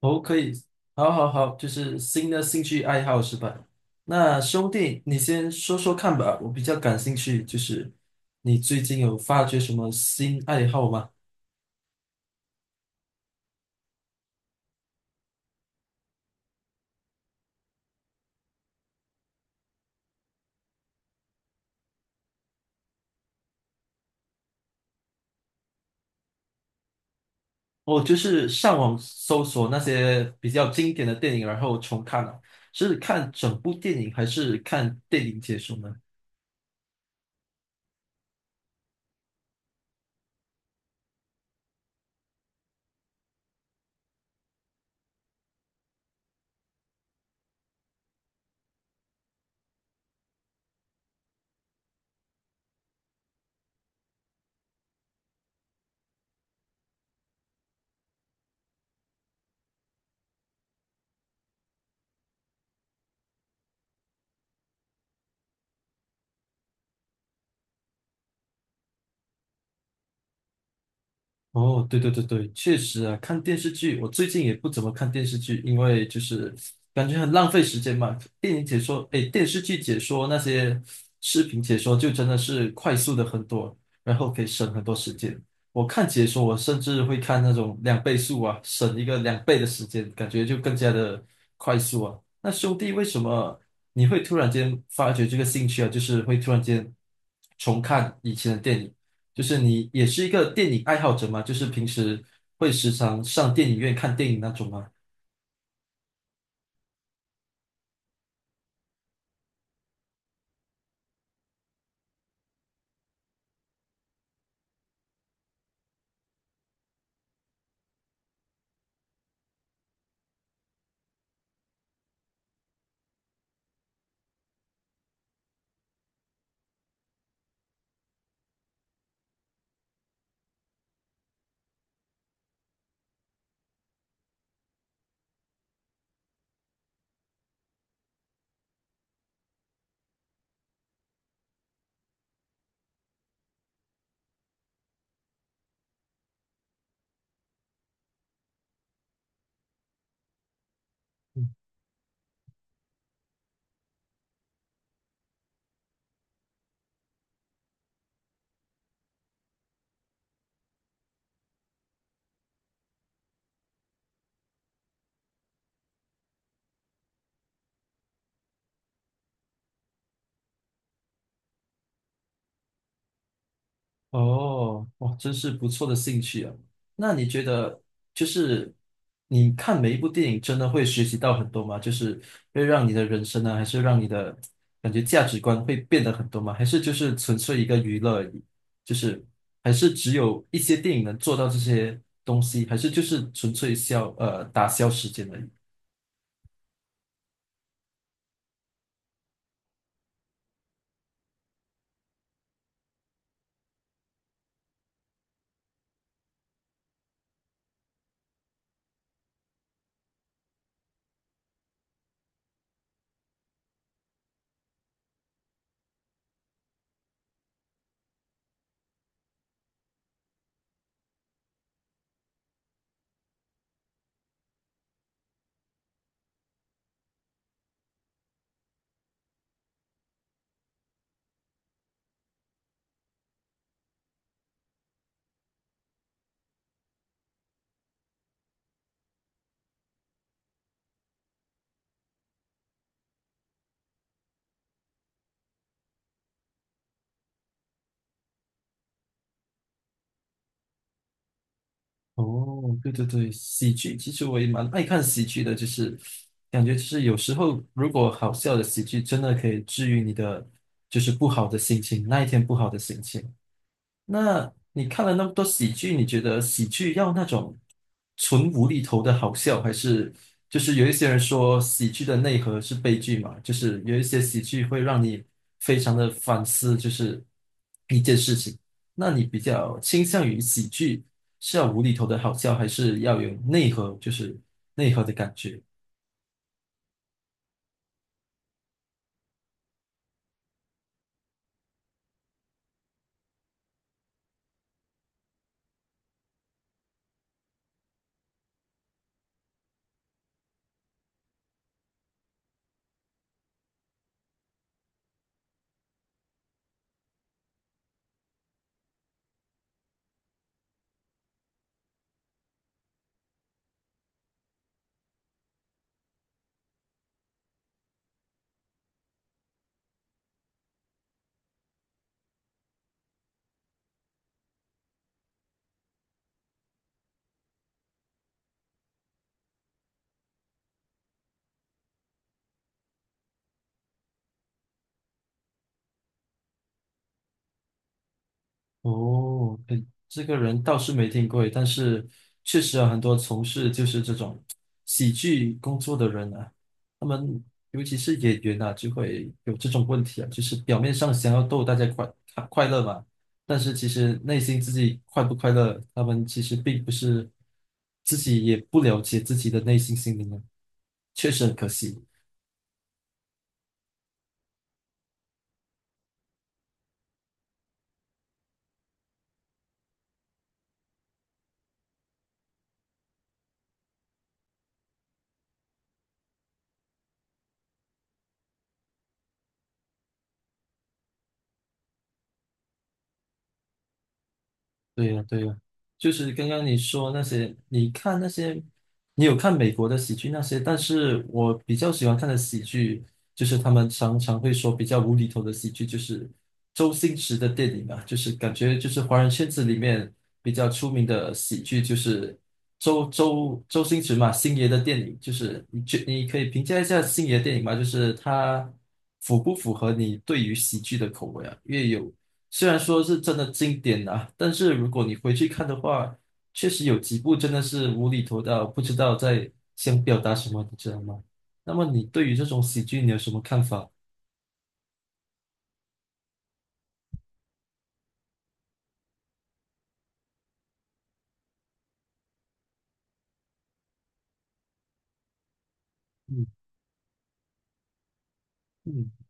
哦，可以，好好好，就是新的兴趣爱好是吧？那兄弟，你先说说看吧，我比较感兴趣，就是你最近有发掘什么新爱好吗？哦，就是上网搜索那些比较经典的电影，然后重看了，是看整部电影还是看电影解说呢？哦，对对对对，确实啊，看电视剧，我最近也不怎么看电视剧，因为就是感觉很浪费时间嘛。电影解说，诶，电视剧解说那些视频解说，就真的是快速的很多，然后可以省很多时间。我看解说，我甚至会看那种两倍速啊，省一个两倍的时间，感觉就更加的快速啊。那兄弟，为什么你会突然间发觉这个兴趣啊？就是会突然间重看以前的电影？就是你也是一个电影爱好者吗？就是平时会时常上电影院看电影那种吗？哦，哇，真是不错的兴趣啊！那你觉得，就是你看每一部电影，真的会学习到很多吗？就是会让你的人生呢，还是让你的感觉价值观会变得很多吗？还是就是纯粹一个娱乐而已？就是还是只有一些电影能做到这些东西，还是就是纯粹消打消时间而已？哦，对对对，喜剧其实我也蛮爱看喜剧的，就是感觉就是有时候如果好笑的喜剧真的可以治愈你的就是不好的心情，那一天不好的心情。那你看了那么多喜剧，你觉得喜剧要那种纯无厘头的好笑，还是就是有一些人说喜剧的内核是悲剧嘛？就是有一些喜剧会让你非常的反思，就是一件事情。那你比较倾向于喜剧是要无厘头的好笑，还是要有内核，就是内核的感觉？哦，对，这个人倒是没听过，但是确实有很多从事就是这种喜剧工作的人啊，他们尤其是演员啊，就会有这种问题啊，就是表面上想要逗大家快快快乐嘛，但是其实内心自己快不快乐，他们其实并不是自己也不了解自己的内心心灵啊，确实很可惜。对呀，对呀，就是刚刚你说那些，你看那些，你有看美国的喜剧那些，但是我比较喜欢看的喜剧，就是他们常常会说比较无厘头的喜剧，就是周星驰的电影嘛，就是感觉就是华人圈子里面比较出名的喜剧，就是周星驰嘛，星爷的电影，就是你可以评价一下星爷的电影吗？就是他符不符合你对于喜剧的口味啊？因为有虽然说是真的经典啊，但是如果你回去看的话，确实有几部真的是无厘头到不知道在想表达什么，你知道吗？那么你对于这种喜剧你有什么看法？嗯嗯。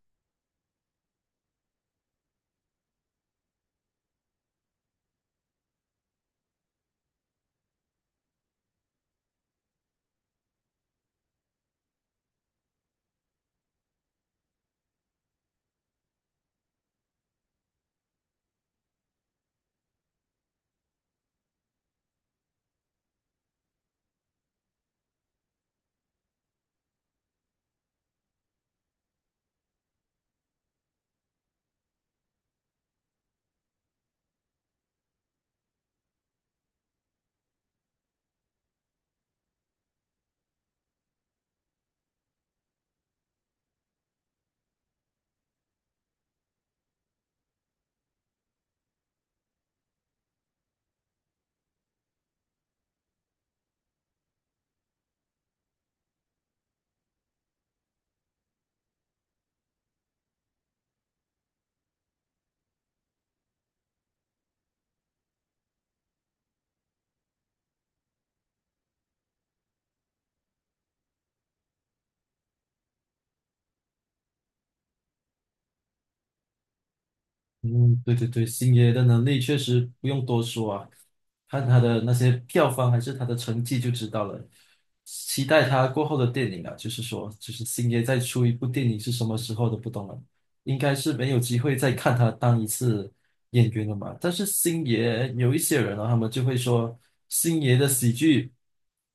嗯，对对对，星爷的能力确实不用多说啊，看他的那些票房还是他的成绩就知道了。期待他过后的电影啊，就是说，就是星爷再出一部电影是什么时候都不懂了，应该是没有机会再看他当一次演员了嘛。但是星爷有一些人啊，他们就会说，星爷的喜剧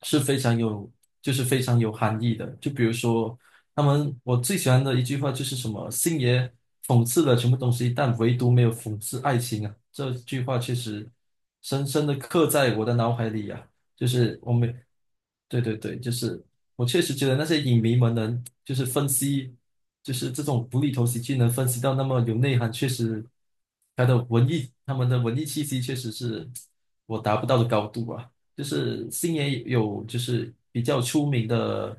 是非常有，就是非常有含义的。就比如说他们我最喜欢的一句话就是什么"星爷讽刺了全部东西，但唯独没有讽刺爱情啊"。这句话确实深深的刻在我的脑海里啊。就是我每对对对，就是我确实觉得那些影迷们能就是分析，就是这种无厘头喜剧能分析到那么有内涵，确实他的文艺，他们的文艺气息确实是我达不到的高度啊。就是星爷有就是比较出名的，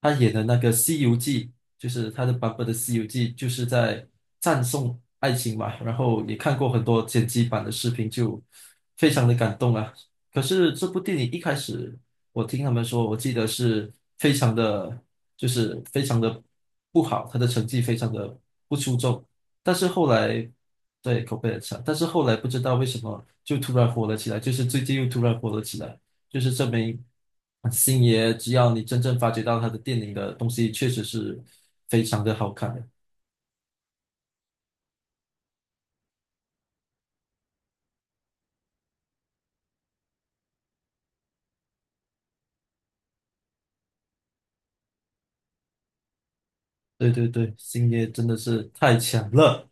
他演的那个《西游记》，就是他的版本的《西游记》，就是在赞颂爱情嘛。然后也看过很多剪辑版的视频，就非常的感动啊。可是这部电影一开始，我听他们说，我记得是非常的，就是非常的不好，他的成绩非常的不出众。但是后来，对，口碑很差。但是后来不知道为什么就突然火了起来，就是最近又突然火了起来，就是证明星爷只要你真正发掘到他的电影的东西，确实是非常的好看的。对对对，星爷真的是太强了。